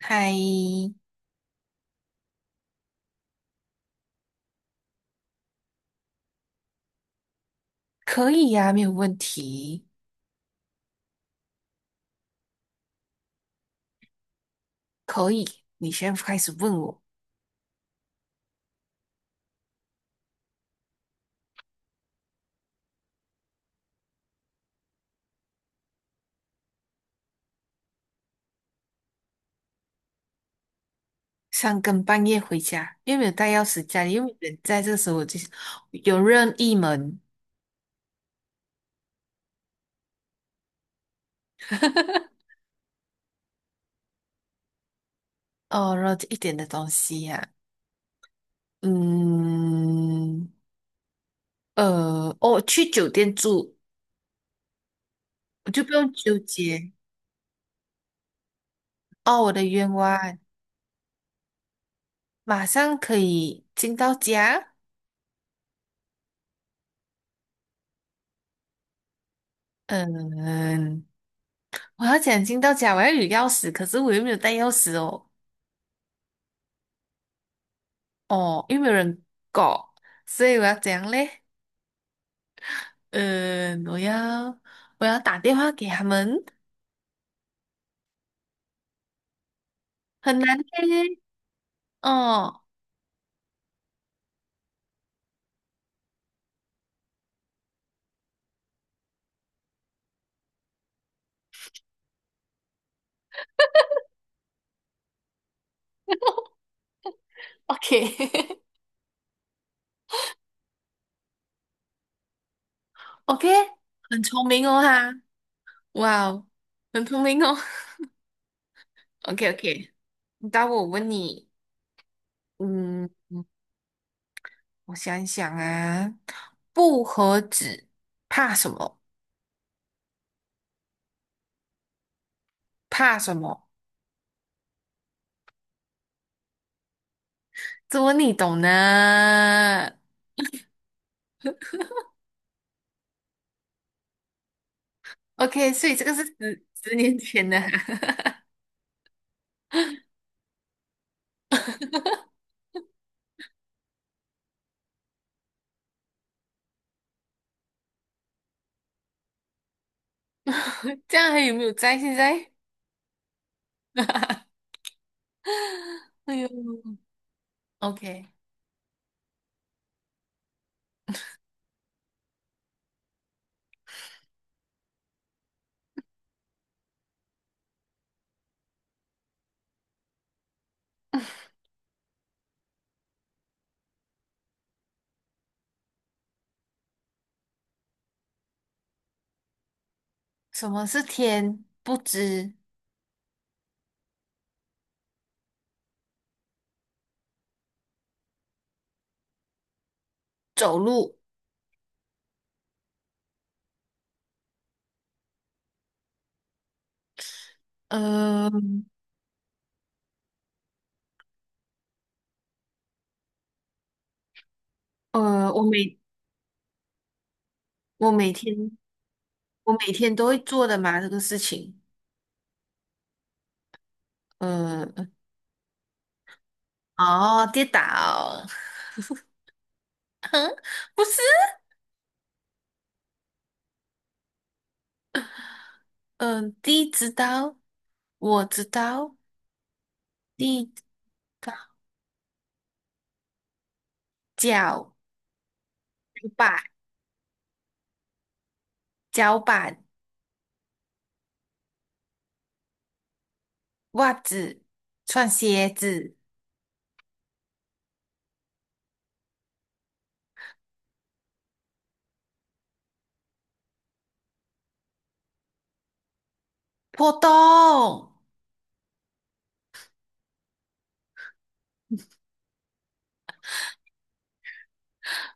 嗨，可以呀、没有问题，可以。你先在开始问我，三更半夜回家，又没有带钥匙，家里又没有人在，这个时候我就是有任意门。哦，然后一点的东西呀。嗯，哦，去酒店住，我就不用纠结。哦，我的愿望马上可以进到家。嗯，我要讲进到家，我要有钥匙，可是我又没有带钥匙哦。哦，因为没有人搞，所以我要怎样嘞？嗯，我要打电话给他们，很难嘞。哦 OK，，OK，很聪明哦哈，哇哦，很聪明哦。OK OK，那我问你。嗯，我想一想啊。不和纸怕什么？怕什么？这问你懂呢？OK，所以这个是十年前的哈。这样还有没有在现在？哎呦，OK，什么是天不知走路？呃呃，我每我每天我每天都会做的嘛，这个事情。呃，哦，跌倒。不是。嗯、地知道，我知道，地知道，脚板，脚板，袜子，穿鞋子，破洞。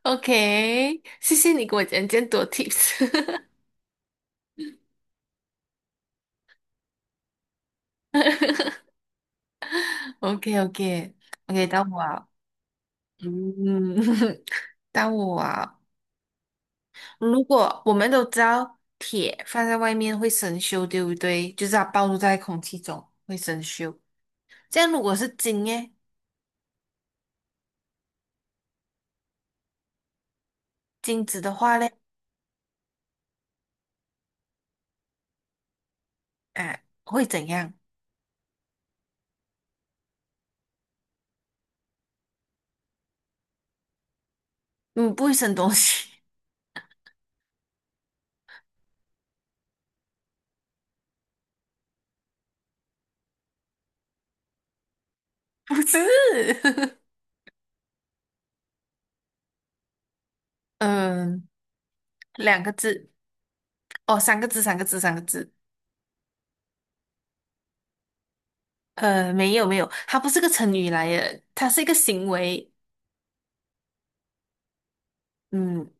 OK，谢谢你给我讲这么多 tips。OK OK OK 到我啊。嗯，到我啊。如果我们都知道铁放在外面会生锈，对不对？就是它暴露在空气中会生锈。这样如果是金耶，金子的话嘞，啊，会怎样？嗯，不会生东西。不是。嗯，两个字。哦，三个字，三个字，三个字。没有没有，它不是个成语来的，它是一个行为。嗯，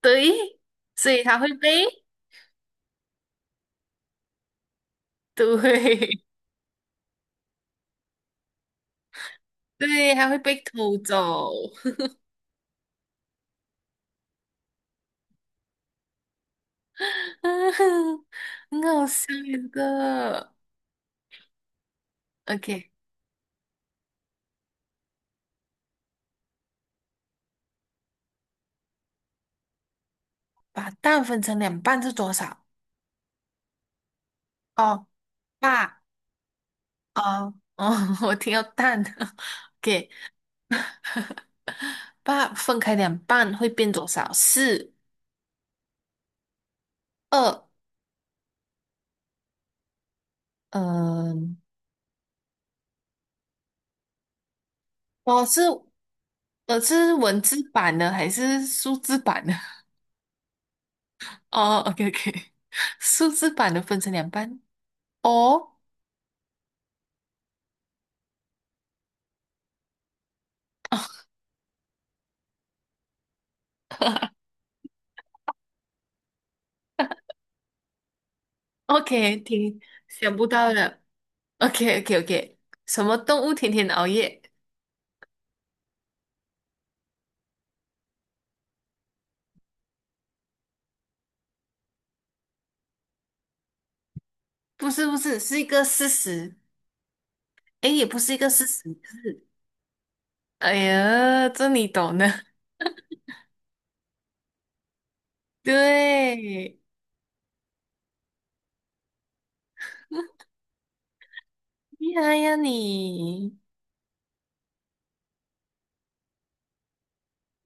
对，所以它会被，对。 对，它会被偷走。很好笑耶这个。OK，把蛋分成两半是多少？哦，爸。哦哦，我听到蛋。OK，把分开两半会变多少？四，二。嗯，哦是。是文字版的还是数字版的？哦，OK OK。数字版的分成两半。哦，OK，挺想不到的。OK OK OK，什么动物天天熬夜？不是不是，是一个事实。诶，也不是一个事实，是哎呀，这你懂的。对。厉害呀你。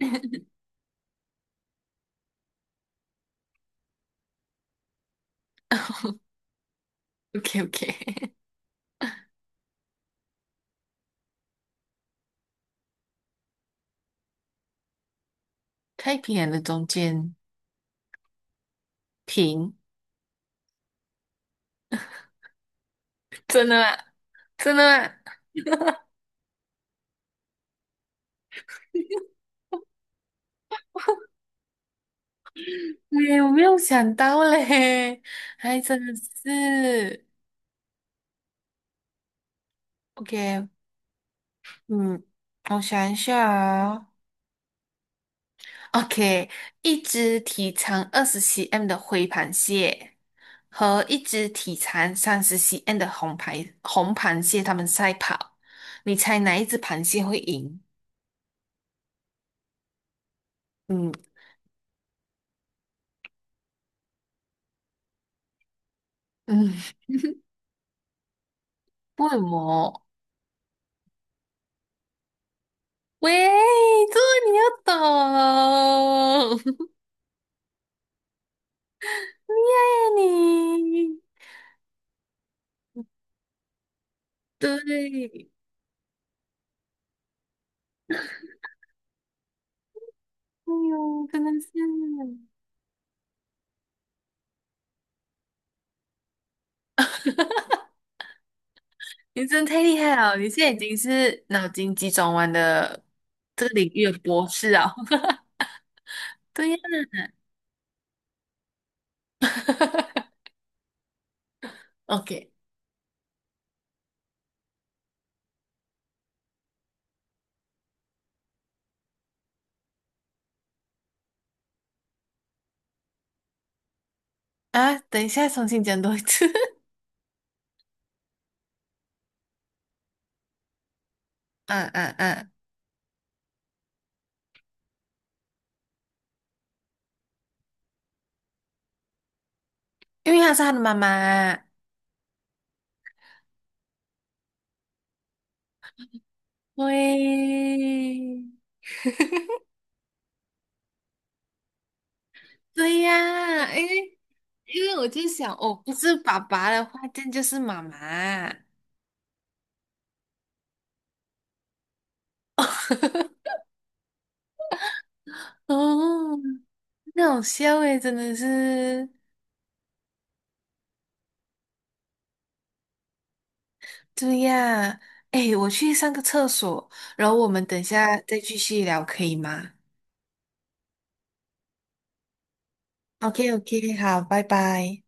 OK OK，太平洋的中间平。真的吗？真的吗？对，我没有想到嘞，还真的是。 OK，嗯，我想一下啊。OK，一只体长20 cm 的灰螃蟹和一只体长30 cm 的红螃蟹，它们赛跑，你猜哪一只螃蟹会赢？嗯嗯，为什么？喂，这个你要懂。厉害呀你，对。哎呦，真的是。你真的太厉害了！你现在已经是脑筋急转弯的这个领域的博士啊。对呀，OK 啊，等一下重新讲多一次。嗯嗯嗯，因为她是他的妈妈。对，对呀，因为我就想，哦，不是爸爸的话，这样就是妈妈。哦，很好笑诶，真的是。对呀，哎，我去上个厕所，然后我们等一下再继续聊，可以吗？OK OK，好，拜拜。